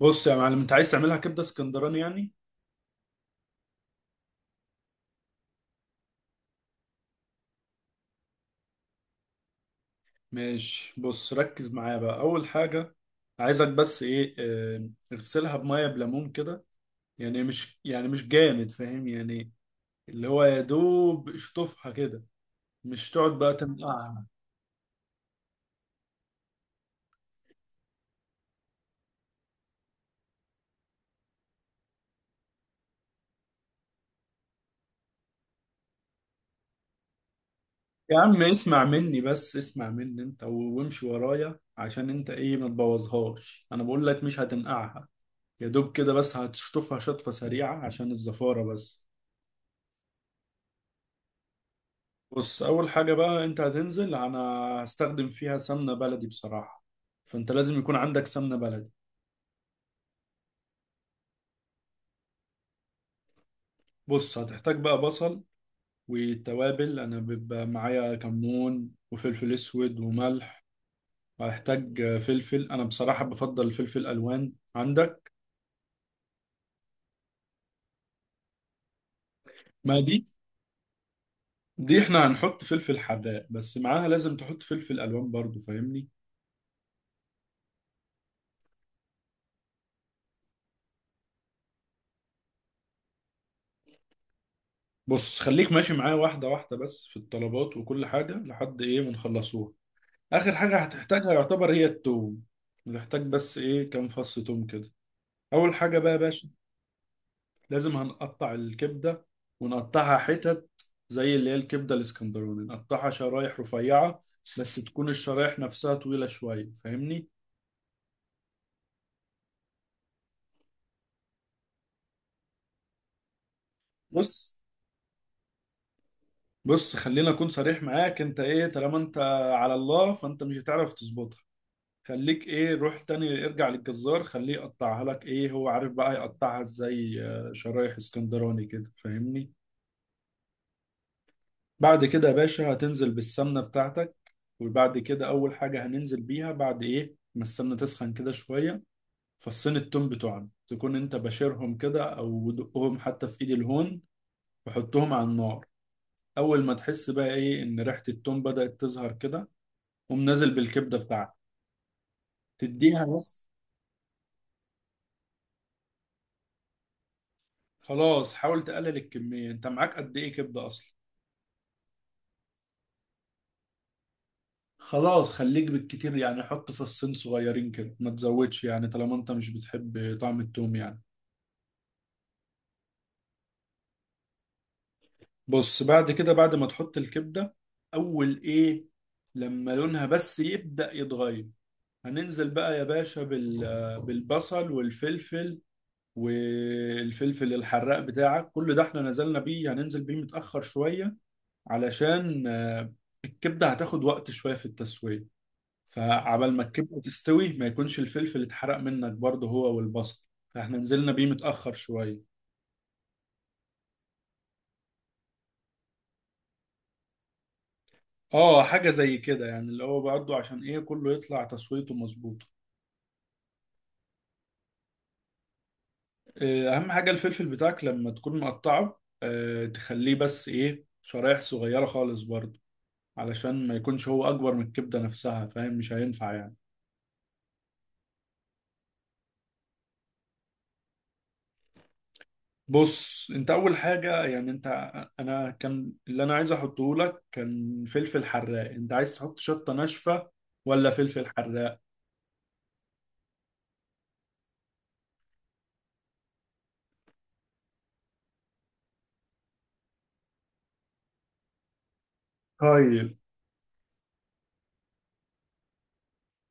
بص يا معلم، انت عايز تعملها كبده اسكندراني يعني. ماشي، بص ركز معايا بقى. اول حاجه، عايزك بس ايه، اه، اغسلها بميه بليمون كده. يعني مش جامد فاهم يعني، اللي هو يا دوب اشطفها كده. مش تقعد بقى تنقعها. يا عم اسمع مني، بس اسمع مني انت وامشي ورايا عشان انت ايه ما تبوظهاش. انا بقول لك مش هتنقعها، يا دوب كده، بس هتشطفها شطفه سريعه عشان الزفاره بس. بص، اول حاجه بقى انت هتنزل، انا هستخدم فيها سمنه بلدي بصراحه. فانت لازم يكون عندك سمنه بلدي. بص هتحتاج بقى بصل، والتوابل انا بيبقى معايا كمون وفلفل اسود وملح. وهحتاج فلفل، انا بصراحه بفضل فلفل الوان عندك. ما دي احنا هنحط فلفل حراق بس، معاها لازم تحط فلفل الوان برضو، فاهمني. بص خليك ماشي معايا واحده واحده بس في الطلبات وكل حاجه، لحد ايه ما نخلصوها. اخر حاجه هتحتاجها يعتبر هي التوم. نحتاج بس ايه، كام فص توم كده. اول حاجه بقى يا باشا، لازم هنقطع الكبده ونقطعها حتت، زي اللي هي الكبده الاسكندراني نقطعها شرايح رفيعه، بس تكون الشرايح نفسها طويله شويه فاهمني. بص بص خلينا اكون صريح معاك. انت ايه، طالما انت على الله، فانت مش هتعرف تظبطها. خليك ايه، روح تاني ارجع للجزار، خليه يقطعها لك، ايه هو عارف بقى يقطعها ازاي، شرايح اسكندراني كده فاهمني. بعد كده يا باشا هتنزل بالسمنة بتاعتك. وبعد كده، أول حاجة هننزل بيها بعد إيه ما السمنة تسخن كده شوية، فصين التوم بتوعنا، تكون أنت بشرهم كده أو دقهم حتى في إيد الهون وحطهم على النار. أول ما تحس بقى إيه إن ريحة التوم بدأت تظهر كده، قوم نازل بالكبدة بتاعتك تديها بس. خلاص، حاول تقلل الكمية. أنت معاك قد إيه كبدة أصلا؟ خلاص، خليك بالكتير يعني، حط فصين صغيرين كده، ما تزودش يعني طالما أنت مش بتحب طعم التوم يعني. بص بعد كده، بعد ما تحط الكبدة، أول إيه، لما لونها بس يبدأ يتغير، هننزل بقى يا باشا بالبصل والفلفل، والفلفل الحراق بتاعك. كل ده احنا نزلنا بيه، هننزل بيه متأخر شوية علشان الكبدة هتاخد وقت شوية في التسوية. فعبال ما الكبدة تستوي، ما يكونش الفلفل اتحرق منك برضه هو والبصل، فاحنا نزلنا بيه متأخر شوية. اه، حاجة زي كده يعني، اللي هو برضه عشان ايه كله يطلع تسويته مظبوط. اهم حاجه، الفلفل بتاعك لما تكون مقطعه تخليه بس ايه شرايح صغيره خالص برضه، علشان ما يكونش هو اكبر من الكبده نفسها، فاهم؟ مش هينفع يعني. بص انت اول حاجه، يعني انت، انا كان اللي انا عايز احطه لك كان فلفل حراق. انت عايز تحط شطه ناشفه ولا فلفل حراق؟ طيب،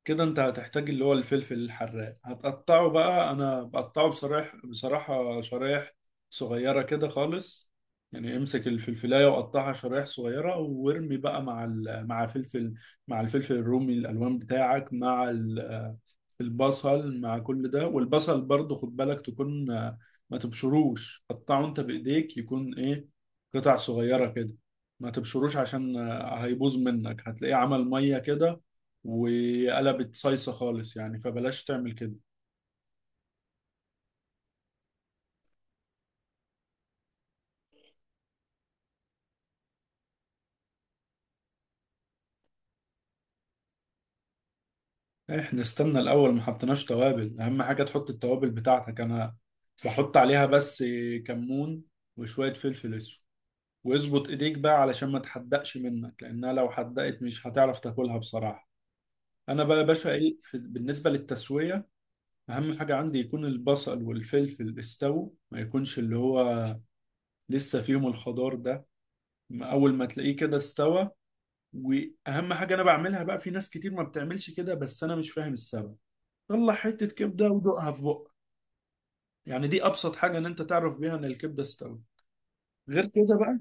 كده انت هتحتاج اللي هو الفلفل الحراق، هتقطعه بقى. انا بقطعه بصراحة شرايح صغيرة كده خالص. يعني امسك الفلفلاية وقطعها شرايح صغيرة وارمي بقى مع فلفل، مع الفلفل الرومي الالوان بتاعك، البصل، مع كل ده. والبصل برضو خد بالك، تكون ما تبشروش، قطعه انت بايديك، يكون ايه قطع صغيرة كده. ما تبشروش عشان هيبوظ منك، هتلاقيه عمل مية كده وقلبت صيصة خالص يعني، فبلاش تعمل كده. احنا استنى الاول، ما حطيناش توابل. اهم حاجة تحط التوابل بتاعتك. انا بحط عليها بس كمون وشوية فلفل اسود، واظبط ايديك بقى علشان ما تحدقش منك، لانها لو حدقت مش هتعرف تاكلها بصراحة. انا بقى يا باشا ايه في بالنسبة للتسوية، اهم حاجة عندي يكون البصل والفلفل استووا، ما يكونش اللي هو لسه فيهم الخضار ده. اول ما تلاقيه كده استوى. واهم حاجه انا بعملها بقى، في ناس كتير ما بتعملش كده بس انا مش فاهم السبب، طلع حته كبده ودوقها في بقك. يعني دي ابسط حاجه ان انت تعرف بيها ان الكبده استوت، غير كده بقى.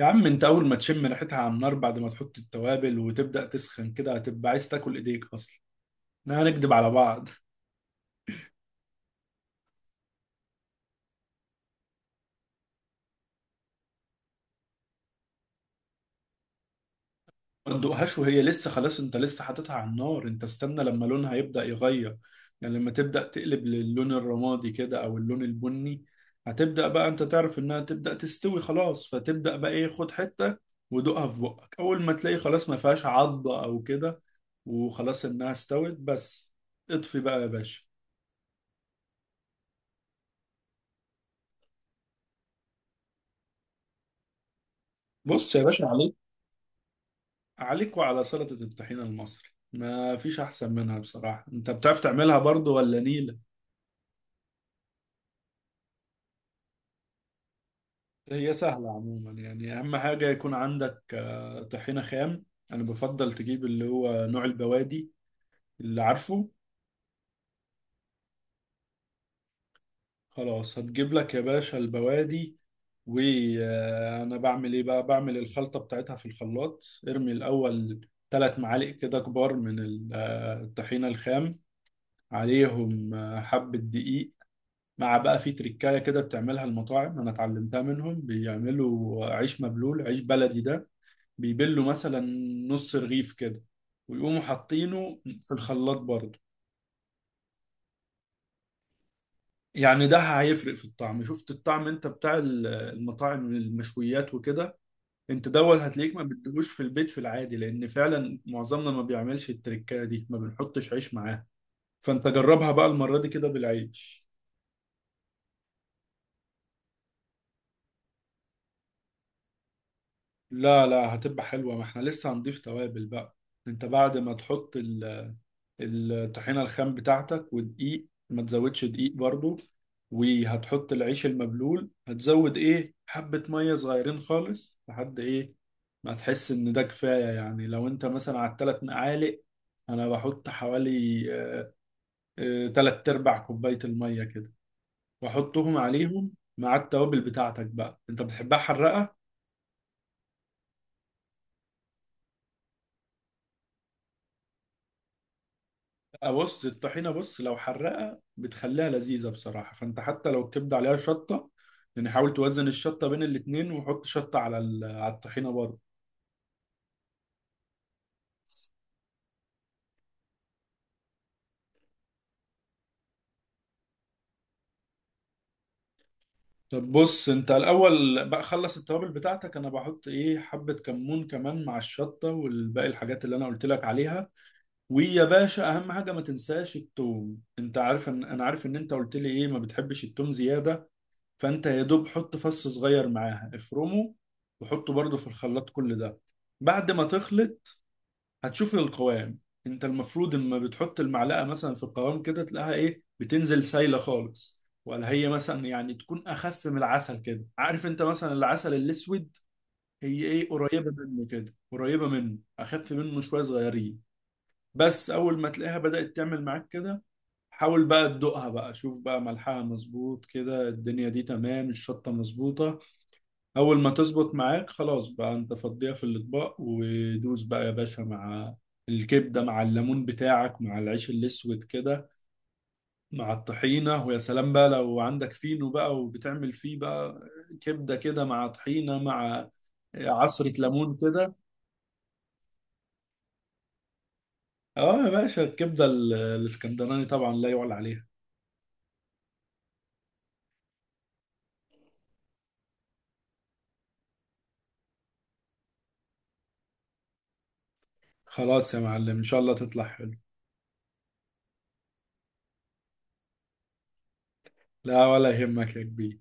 يا عم انت، اول ما تشم ريحتها على النار بعد ما تحط التوابل وتبدا تسخن كده، هتبقى عايز تاكل ايديك اصلا، احنا هنكدب على بعض. ما تدوقهاش وهي لسه خلاص، انت لسه حاططها على النار. انت استنى لما لونها يبدأ يغير، يعني لما تبدأ تقلب للون الرمادي كده او اللون البني، هتبدأ بقى انت تعرف انها تبدأ تستوي خلاص. فتبدأ بقى ايه، خد حتة ودوقها في بقك. اول ما تلاقي خلاص، ما فيهاش عضة او كده، وخلاص انها استوت بس، اطفي بقى يا باشا. بص يا باشا، عليك، عليك وعلى سلطة الطحينة المصري، ما فيش احسن منها بصراحة. انت بتعرف تعملها برضو ولا نيلة؟ هي سهلة عموما يعني، أهم حاجة يكون عندك طحينة خام. أنا بفضل تجيب اللي هو نوع البوادي، اللي عارفه. خلاص، هتجيب لك يا باشا البوادي، وأنا بعمل إيه بقى؟ بعمل الخلطة بتاعتها في الخلاط. ارمي الأول 3 معالق كده كبار من الطحينة الخام، عليهم حبة دقيق، مع بقى في تركاية كده بتعملها المطاعم، أنا اتعلمتها منهم. بيعملوا عيش مبلول، عيش بلدي ده، بيبلوا مثلا نص رغيف كده ويقوموا حاطينه في الخلاط برضه. يعني ده هيفرق في الطعم. شفت الطعم انت بتاع المطاعم المشويات وكده، انت دوت هتلاقيك ما بتدوش في البيت في العادي، لان فعلا معظمنا ما بيعملش التركايه دي، ما بنحطش عيش معاه. فانت جربها بقى المرة دي كده بالعيش. لا، لا، هتبقى حلوة، ما احنا لسه هنضيف توابل بقى. انت بعد ما تحط الطحينة الخام بتاعتك ودقيق، ما تزودش دقيق برضو، وهتحط العيش المبلول، هتزود ايه حبة مية صغيرين خالص، لحد ايه ما تحس ان ده كفاية يعني. لو انت مثلا على التلات مقالق، انا بحط حوالي آه، تلات ارباع كوباية المية كده، واحطهم عليهم مع التوابل بتاعتك بقى. انت بتحبها حراقة؟ بص الطحينة، بص لو حرقة بتخليها لذيذة بصراحة، فانت حتى لو الكبدة عليها شطة، يعني حاول توزن الشطة بين الاتنين وحط شطة على على الطحينة برضه. طب بص، انت الاول بقى خلص التوابل بتاعتك. انا بحط ايه، حبة كمون كمان مع الشطة والباقي الحاجات اللي انا قلت لك عليها. ويا باشا، اهم حاجة ما تنساش التوم. انت عارف، ان انا عارف ان انت قلت لي ايه ما بتحبش التوم زيادة، فانت يا دوب حط فص صغير معاها، افرمه وحطه برضه في الخلاط كل ده. بعد ما تخلط هتشوف القوام. انت المفروض اما بتحط المعلقه مثلا في القوام كده، تلاقيها ايه بتنزل سايله خالص، ولا هي مثلا يعني تكون اخف من العسل كده. عارف انت مثلا العسل الاسود، هي ايه قريبه منه كده، قريبه منه اخف منه شويه صغيرين. بس اول ما تلاقيها بدأت تعمل معاك كده، حاول بقى تدوقها بقى، شوف بقى ملحها مظبوط كده، الدنيا دي تمام، الشطة مظبوطة. اول ما تظبط معاك خلاص بقى، انت فضيها في الاطباق ودوس بقى يا باشا، مع الكبده، مع الليمون بتاعك، مع العيش الاسود كده، مع الطحينه. ويا سلام بقى لو عندك فينو بقى وبتعمل فيه بقى كبده كده مع طحينه مع عصره ليمون كده. اه يا باشا، الكبده الاسكندراني طبعا لا يعلى عليها. خلاص يا معلم، ان شاء الله تطلع حلو. لا، ولا يهمك يا كبير.